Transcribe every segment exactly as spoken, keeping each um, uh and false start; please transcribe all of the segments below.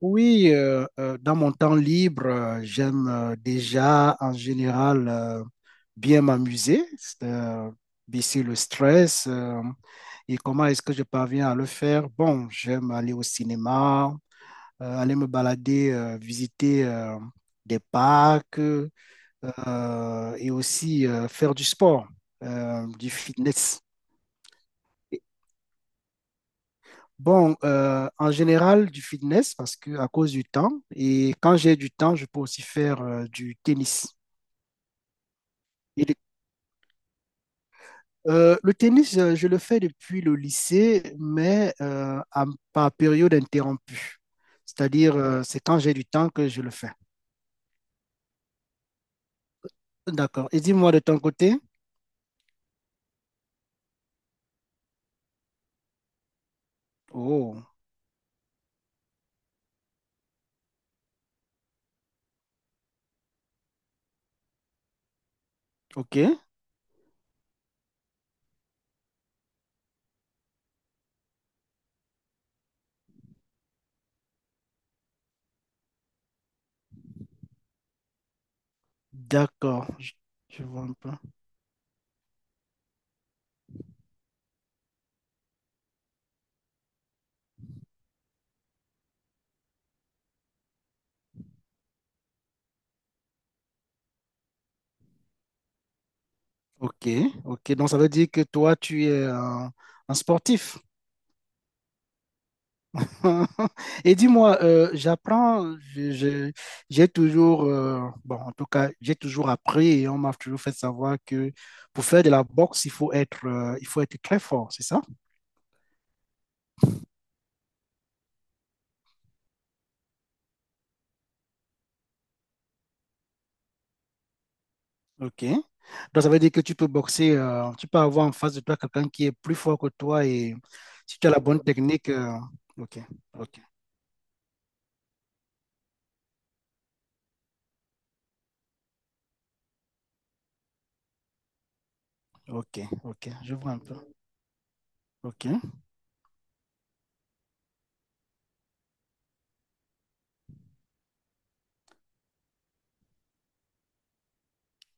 Oui, euh, euh, dans mon temps libre, euh, j'aime euh, déjà en général euh, bien m'amuser, c'est, euh, baisser le stress. euh, Et comment est-ce que je parviens à le faire? Bon, j'aime aller au cinéma, euh, aller me balader, euh, visiter euh, des parcs euh, et aussi euh, faire du sport, euh, du fitness. Bon, euh, en général, du fitness parce que à cause du temps. Et quand j'ai du temps, je peux aussi faire euh, du tennis. Et le euh, le tennis, euh, je le fais depuis le lycée, mais euh, à- par période interrompue. C'est-à-dire, euh, c'est quand j'ai du temps que je le fais. D'accord. Et dis-moi de ton côté. Oh, ok. D'accord. Je, je vois un peu. Ok, ok. Donc, ça veut dire que toi, tu es un un sportif. Et dis-moi, euh, j'apprends, je- je- j'ai toujours, euh, bon, en tout cas, j'ai toujours appris et on m'a toujours fait savoir que pour faire de la boxe, il faut être, euh, il faut être très fort, c'est ça? Ok. Donc, ça veut dire que tu peux boxer, euh, tu peux avoir en face de toi quelqu'un qui est plus fort que toi et si tu as la bonne technique, euh, ok, ok, ok, ok, je vois un peu. Ok.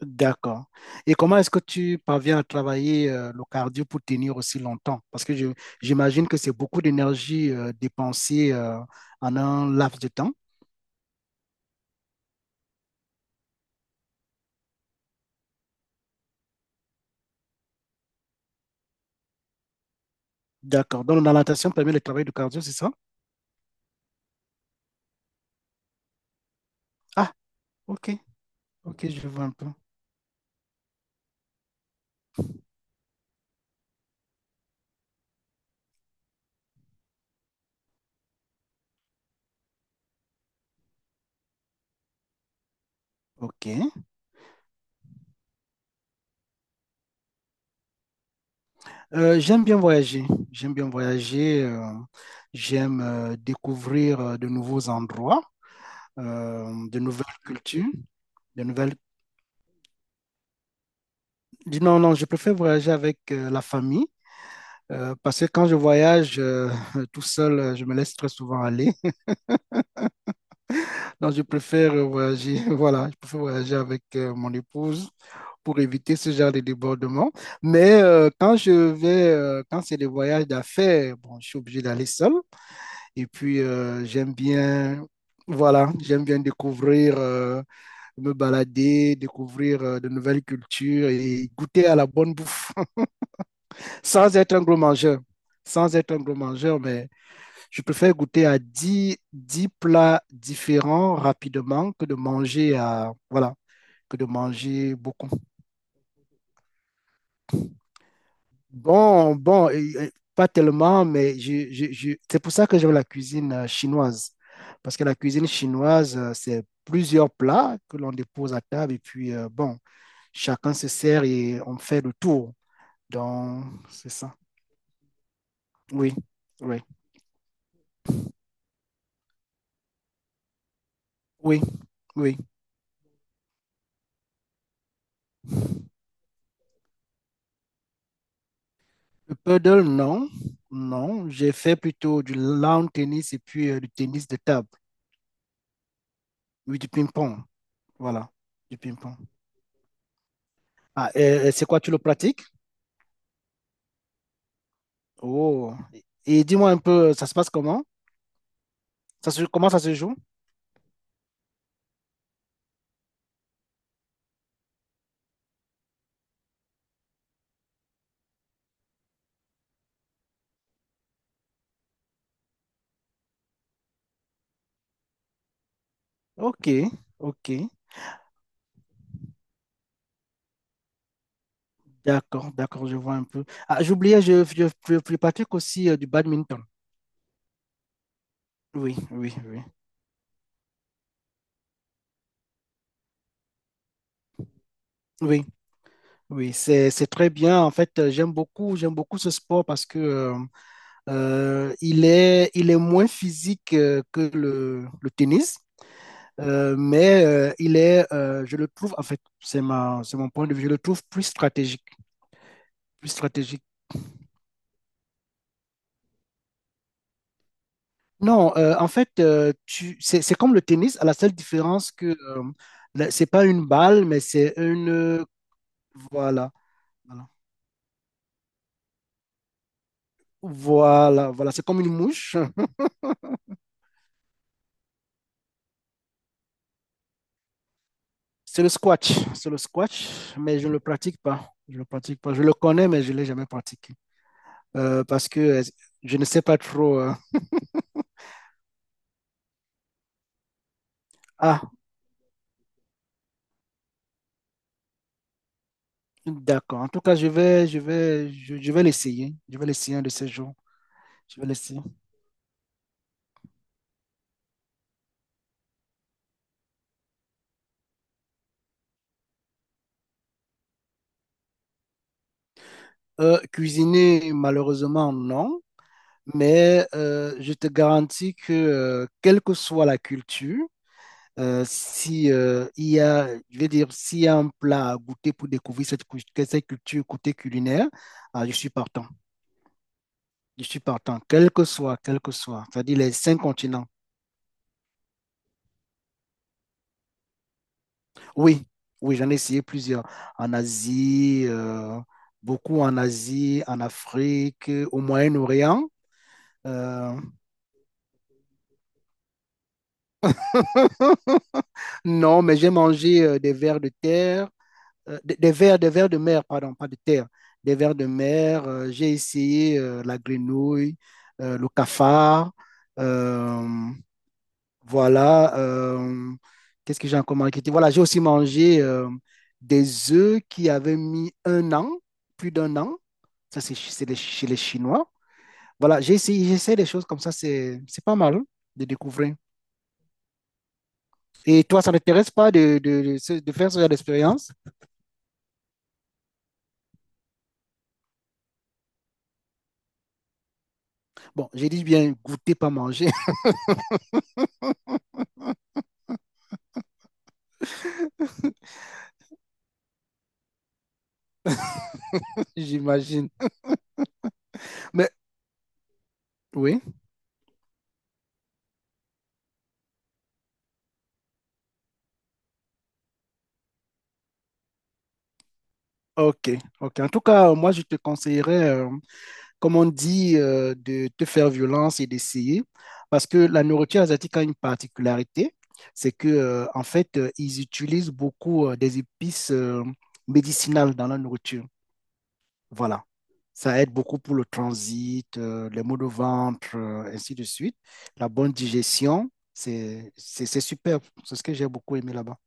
D'accord. Et comment est-ce que tu parviens à travailler euh, le cardio pour tenir aussi longtemps? Parce que je- J'imagine que c'est beaucoup d'énergie euh, dépensée euh, en un laps de temps. D'accord. Donc la natation permet le travail du cardio, c'est ça? Ah, ok. Ok, je vois un peu. Ok. Euh, j'aime bien voyager. J'aime bien voyager. euh, J'aime euh, découvrir euh, de nouveaux endroits, euh, de nouvelles cultures, de nouvelles... Non, non, je préfère voyager avec euh, la famille. Euh, parce que quand je voyage euh, tout seul, euh, je me laisse très souvent aller. Donc, je préfère euh, voyager, voilà, je préfère voyager avec euh, mon épouse pour éviter ce genre de débordement. Mais euh, quand je vais, euh, quand c'est des voyages d'affaires, bon, je suis obligé d'aller seul. Et puis, euh, j'aime bien, voilà, j'aime bien découvrir, euh, me balader, découvrir euh, de nouvelles cultures et goûter à la bonne bouffe sans être un gros mangeur. Sans être un gros mangeur, mais je préfère goûter à dix dix plats différents rapidement que de manger à, voilà, que de manger beaucoup. Bon, bon, et- et pas tellement, mais je, je- je- c'est pour ça que j'aime la cuisine euh, chinoise. Parce que la cuisine chinoise, euh, c'est plusieurs plats que l'on dépose à table et puis, euh, bon, chacun se sert et on fait le tour. Donc, c'est ça. Oui, oui, oui, oui. Le paddle, non. Non, j'ai fait plutôt du lawn tennis et puis euh, du tennis de table. Oui, du ping-pong. Voilà, du ping-pong. Ah, et- et c'est quoi, tu le pratiques? Oh. Et et dis-moi un peu, ça se passe comment? Ça se, Comment ça se joue? Ok, ok. D'accord, d'accord, je vois un peu. Ah, j'oubliais, je, je, je- je pratique aussi euh, du badminton. Oui, oui, oui. Oui, oui, c'est, c'est très bien. En fait, euh, j'aime beaucoup, j'aime beaucoup ce sport parce que euh, euh, il est, il est moins physique euh, que le, le tennis, euh, mais euh, il est, euh, je le trouve, en fait, c'est ma, c'est mon point de vue, je le trouve plus stratégique, plus stratégique. Non, euh, en fait, euh, tu, c'est, c'est comme le tennis, à la seule différence que euh, là, c'est pas une balle, mais c'est une... Voilà, voilà, voilà, voilà. C'est comme une mouche. C'est le squat, c'est le squat, mais je ne le pratique pas. Je le pratique pas. Je le connais, mais je ne l'ai jamais pratiqué. Euh, parce que euh, je ne sais pas trop. euh, Ah, d'accord. En tout cas, je vais, je vais, je, je vais l'essayer. Je vais l'essayer un de ces jours. Je vais l'essayer. Euh, cuisiner, malheureusement, non. Mais euh, je te garantis que, euh, quelle que soit la culture, Euh, si, euh, il y a, je vais dire, s'il y a un plat à goûter pour découvrir cette, cul- que- cette culture côté culinaire, ah, je suis partant. Je suis partant, quel que soit, quel que soit. C'est-à-dire les cinq continents. Oui, oui, j'en ai essayé plusieurs. En Asie, euh, beaucoup en Asie, en Afrique, au Moyen-Orient. Euh, non, mais j'ai mangé euh, des vers de terre. euh, des, des vers, des vers de mer, pardon, pas de terre, des vers de mer. euh, J'ai essayé euh, la grenouille, euh, le cafard, euh, voilà. Euh, qu'est-ce que j'ai encore marketé? Voilà, j'ai aussi mangé euh, des œufs qui avaient mis un an, plus d'un an. Ça, c'est chez c'est les, chez les Chinois. Voilà, j'ai essayé, j'essaie des choses comme ça, c'est c'est pas mal hein, de découvrir. Et toi, ça ne t'intéresse pas de, de, de, ce- de faire ce genre d'expérience? Bon, j'ai dit bien goûter, pas manger, j'imagine. Mais oui, ok, ok. En tout cas, euh, moi, je te conseillerais, euh, comme on dit, euh, de te faire violence et d'essayer, parce que la nourriture asiatique a une particularité, c'est que, euh, en fait, euh, ils utilisent beaucoup euh, des épices euh, médicinales dans la nourriture. Voilà. Ça aide beaucoup pour le transit, euh, les maux de ventre, euh, ainsi de suite. La bonne digestion, c'est c'est- c'est superbe. C'est ce que j'ai beaucoup aimé là-bas.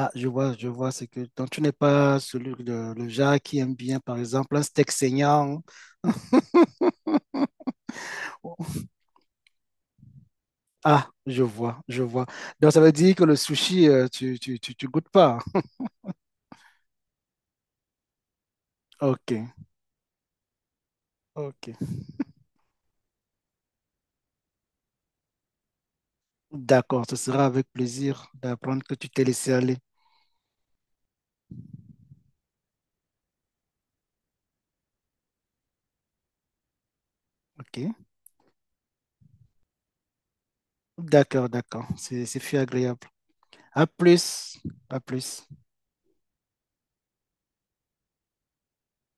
Ah, je vois, je vois, c'est que donc tu n'es pas celui de le genre qui aime bien, par exemple, un steak saignant. Hein? Ah, je vois, je vois. Donc ça veut dire que le sushi, euh, tu, tu, tu, tu goûtes pas. Hein? Ok, ok. D'accord, ce sera avec plaisir d'apprendre que tu t'es laissé aller. Ok. D'accord, d'accord. C'est, c'est fut agréable. À plus, à plus.